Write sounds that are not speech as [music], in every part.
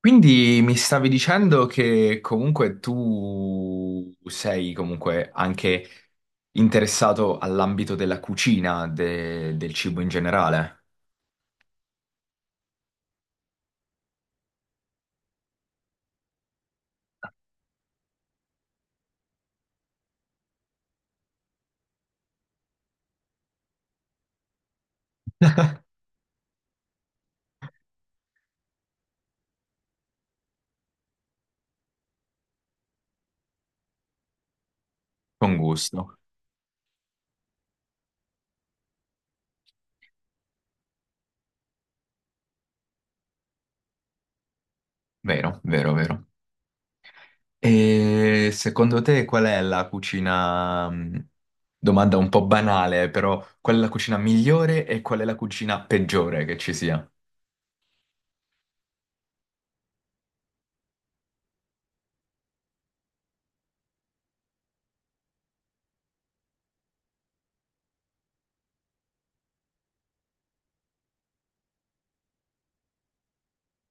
Quindi mi stavi dicendo che comunque tu sei comunque anche interessato all'ambito della cucina, del cibo in generale, con gusto. Vero, vero, vero. E secondo te qual è la cucina, domanda un po' banale, però qual è la cucina migliore e qual è la cucina peggiore che ci sia?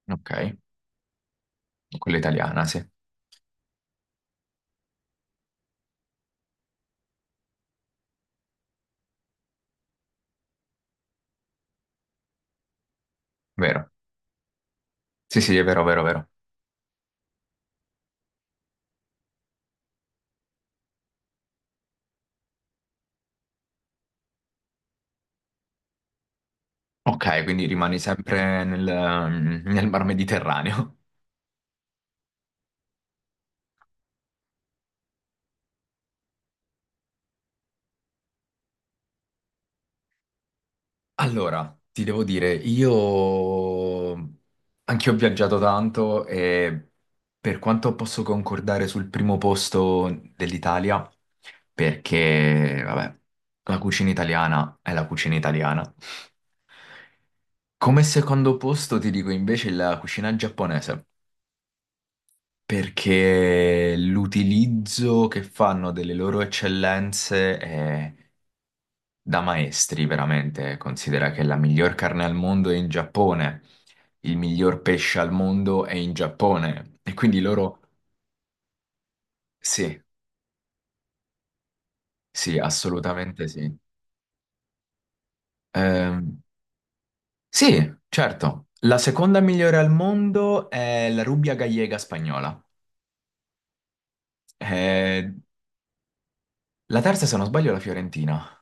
Ok, quella italiana, sì, vero. Sì, sì, è vero, vero, vero. Ok, quindi rimani sempre nel, nel Mar Mediterraneo. [laughs] Allora, ti devo dire, io anch'io ho viaggiato tanto e per quanto posso concordare sul primo posto dell'Italia, perché, vabbè, la cucina italiana è la cucina italiana. Come secondo posto ti dico invece la cucina giapponese, perché l'utilizzo che fanno delle loro eccellenze è da maestri, veramente. Considera che la miglior carne al mondo è in Giappone, il miglior pesce al mondo è in Giappone. E quindi loro, sì, sì, assolutamente sì. Ehm, sì, certo. La seconda migliore al mondo è la Rubbia Gallega spagnola. Eh, la terza, se non sbaglio, è la Fiorentina.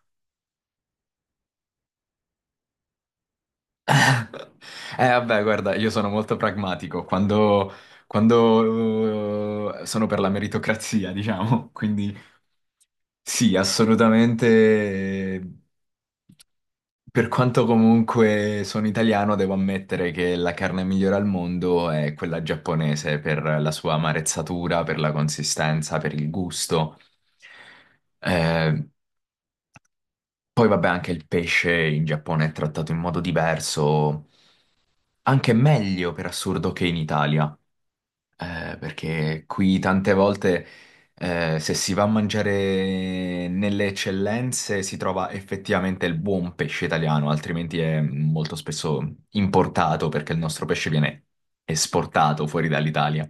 Vabbè, guarda, io sono molto pragmatico quando sono per la meritocrazia, diciamo, [laughs] quindi sì, assolutamente. eh, Per quanto comunque sono italiano, devo ammettere che la carne migliore al mondo è quella giapponese per la sua amarezzatura, per la consistenza, per il gusto. Eh, poi vabbè, anche il pesce in Giappone è trattato in modo diverso. Anche meglio per assurdo che in Italia, perché qui tante volte se si va a mangiare nelle eccellenze si trova effettivamente il buon pesce italiano, altrimenti è molto spesso importato perché il nostro pesce viene esportato fuori dall'Italia.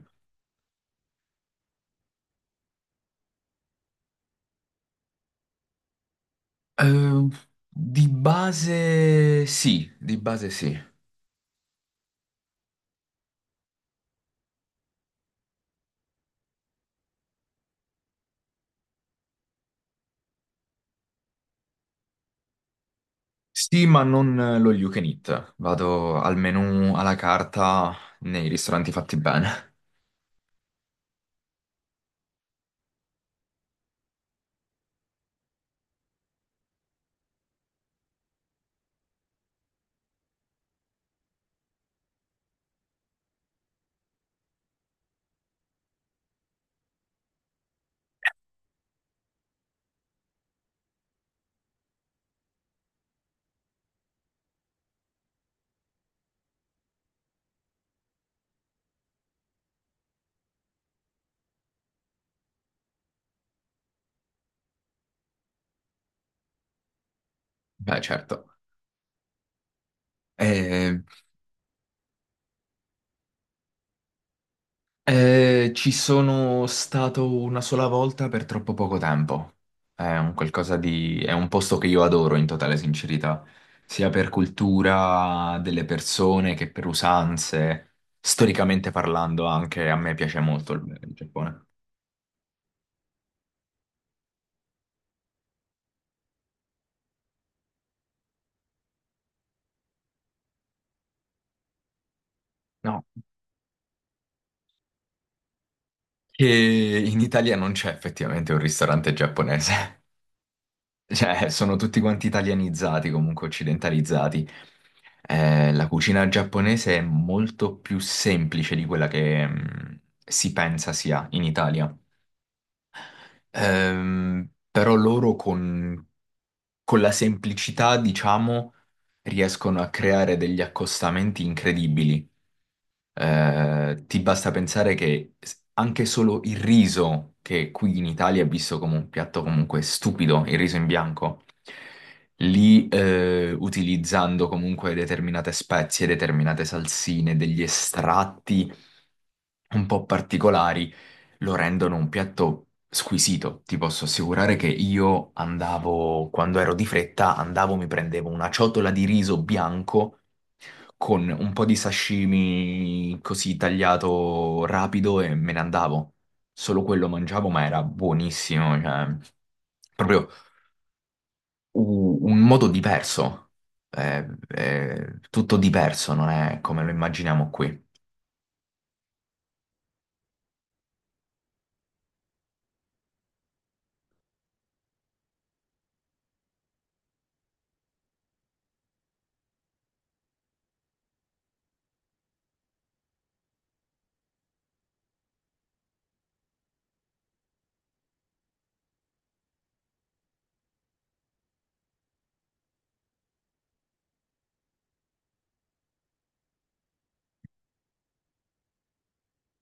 Eh, di base sì, di base sì. Sì, ma non lo you can eat. Vado al menù alla carta nei ristoranti fatti bene. Beh, certo. Eh, eh, ci sono stato una sola volta per troppo poco tempo. È un qualcosa di è un posto che io adoro in totale sincerità, sia per cultura delle persone che per usanze. Storicamente parlando, anche a me piace molto il Giappone. No, che in Italia non c'è effettivamente un ristorante giapponese. Cioè, [laughs] sono tutti quanti italianizzati, comunque occidentalizzati. La cucina giapponese è molto più semplice di quella che si pensa sia in Italia. Però loro con la semplicità, diciamo, riescono a creare degli accostamenti incredibili. Ti basta pensare che anche solo il riso, che qui in Italia è visto come un piatto comunque stupido, il riso in bianco, lì utilizzando comunque determinate spezie, determinate salsine, degli estratti un po' particolari, lo rendono un piatto squisito. Ti posso assicurare che io andavo, quando ero di fretta, andavo, mi prendevo una ciotola di riso bianco con un po' di sashimi così tagliato rapido e me ne andavo. Solo quello mangiavo, ma era buonissimo, cioè proprio un modo diverso. È tutto diverso, non è come lo immaginiamo qui.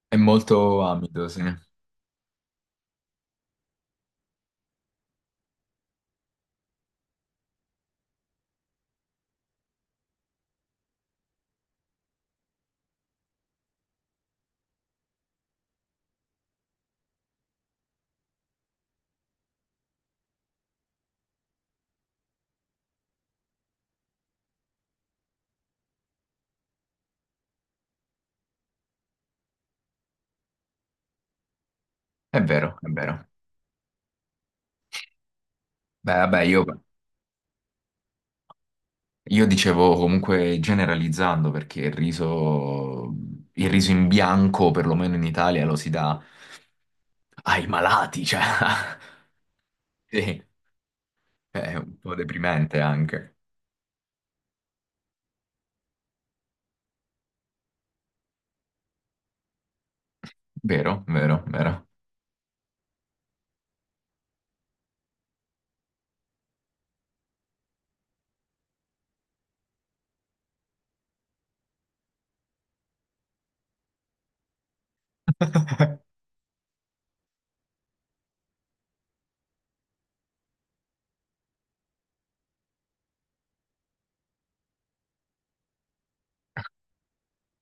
È molto amido, sì. È vero, è vero. Beh, vabbè, io dicevo comunque generalizzando perché il riso in bianco, perlomeno in Italia, lo si dà ai malati, cioè. [laughs] Sì. È un po' deprimente anche. Vero, vero, vero. [laughs]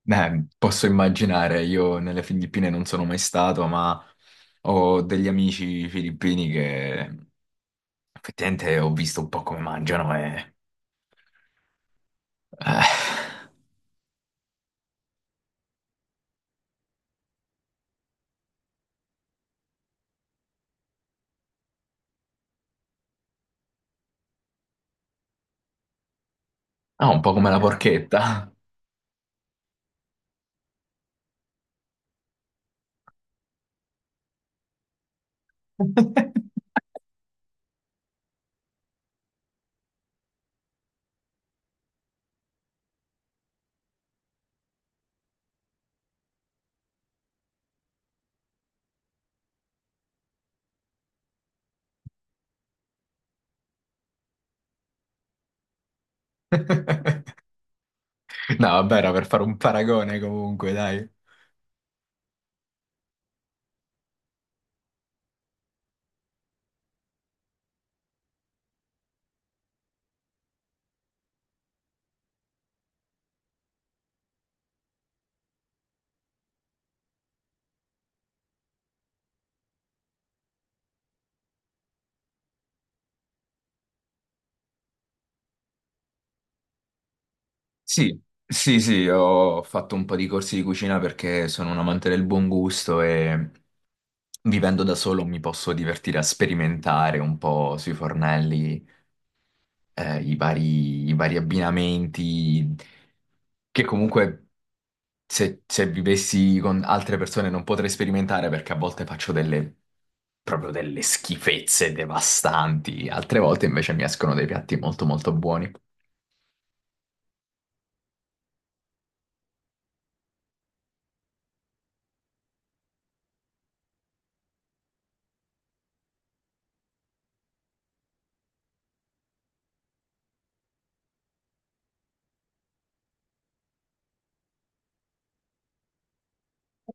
Beh, posso immaginare, io nelle Filippine non sono mai stato, ma ho degli amici filippini che effettivamente ho visto un po' come mangiano e eh, [laughs] ah, un po' come la porchetta. [laughs] No, vabbè, era per fare un paragone comunque, dai. Sì, sì, sì, ho fatto un po' di corsi di cucina perché sono un amante del buon gusto e vivendo da solo mi posso divertire a sperimentare un po' sui fornelli, i vari abbinamenti, che comunque se vivessi con altre persone non potrei sperimentare perché a volte faccio proprio delle schifezze devastanti, altre volte invece mi escono dei piatti molto molto buoni.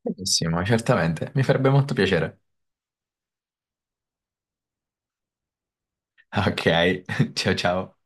Benissimo, certamente, mi farebbe molto piacere. Ok, [laughs] ciao ciao.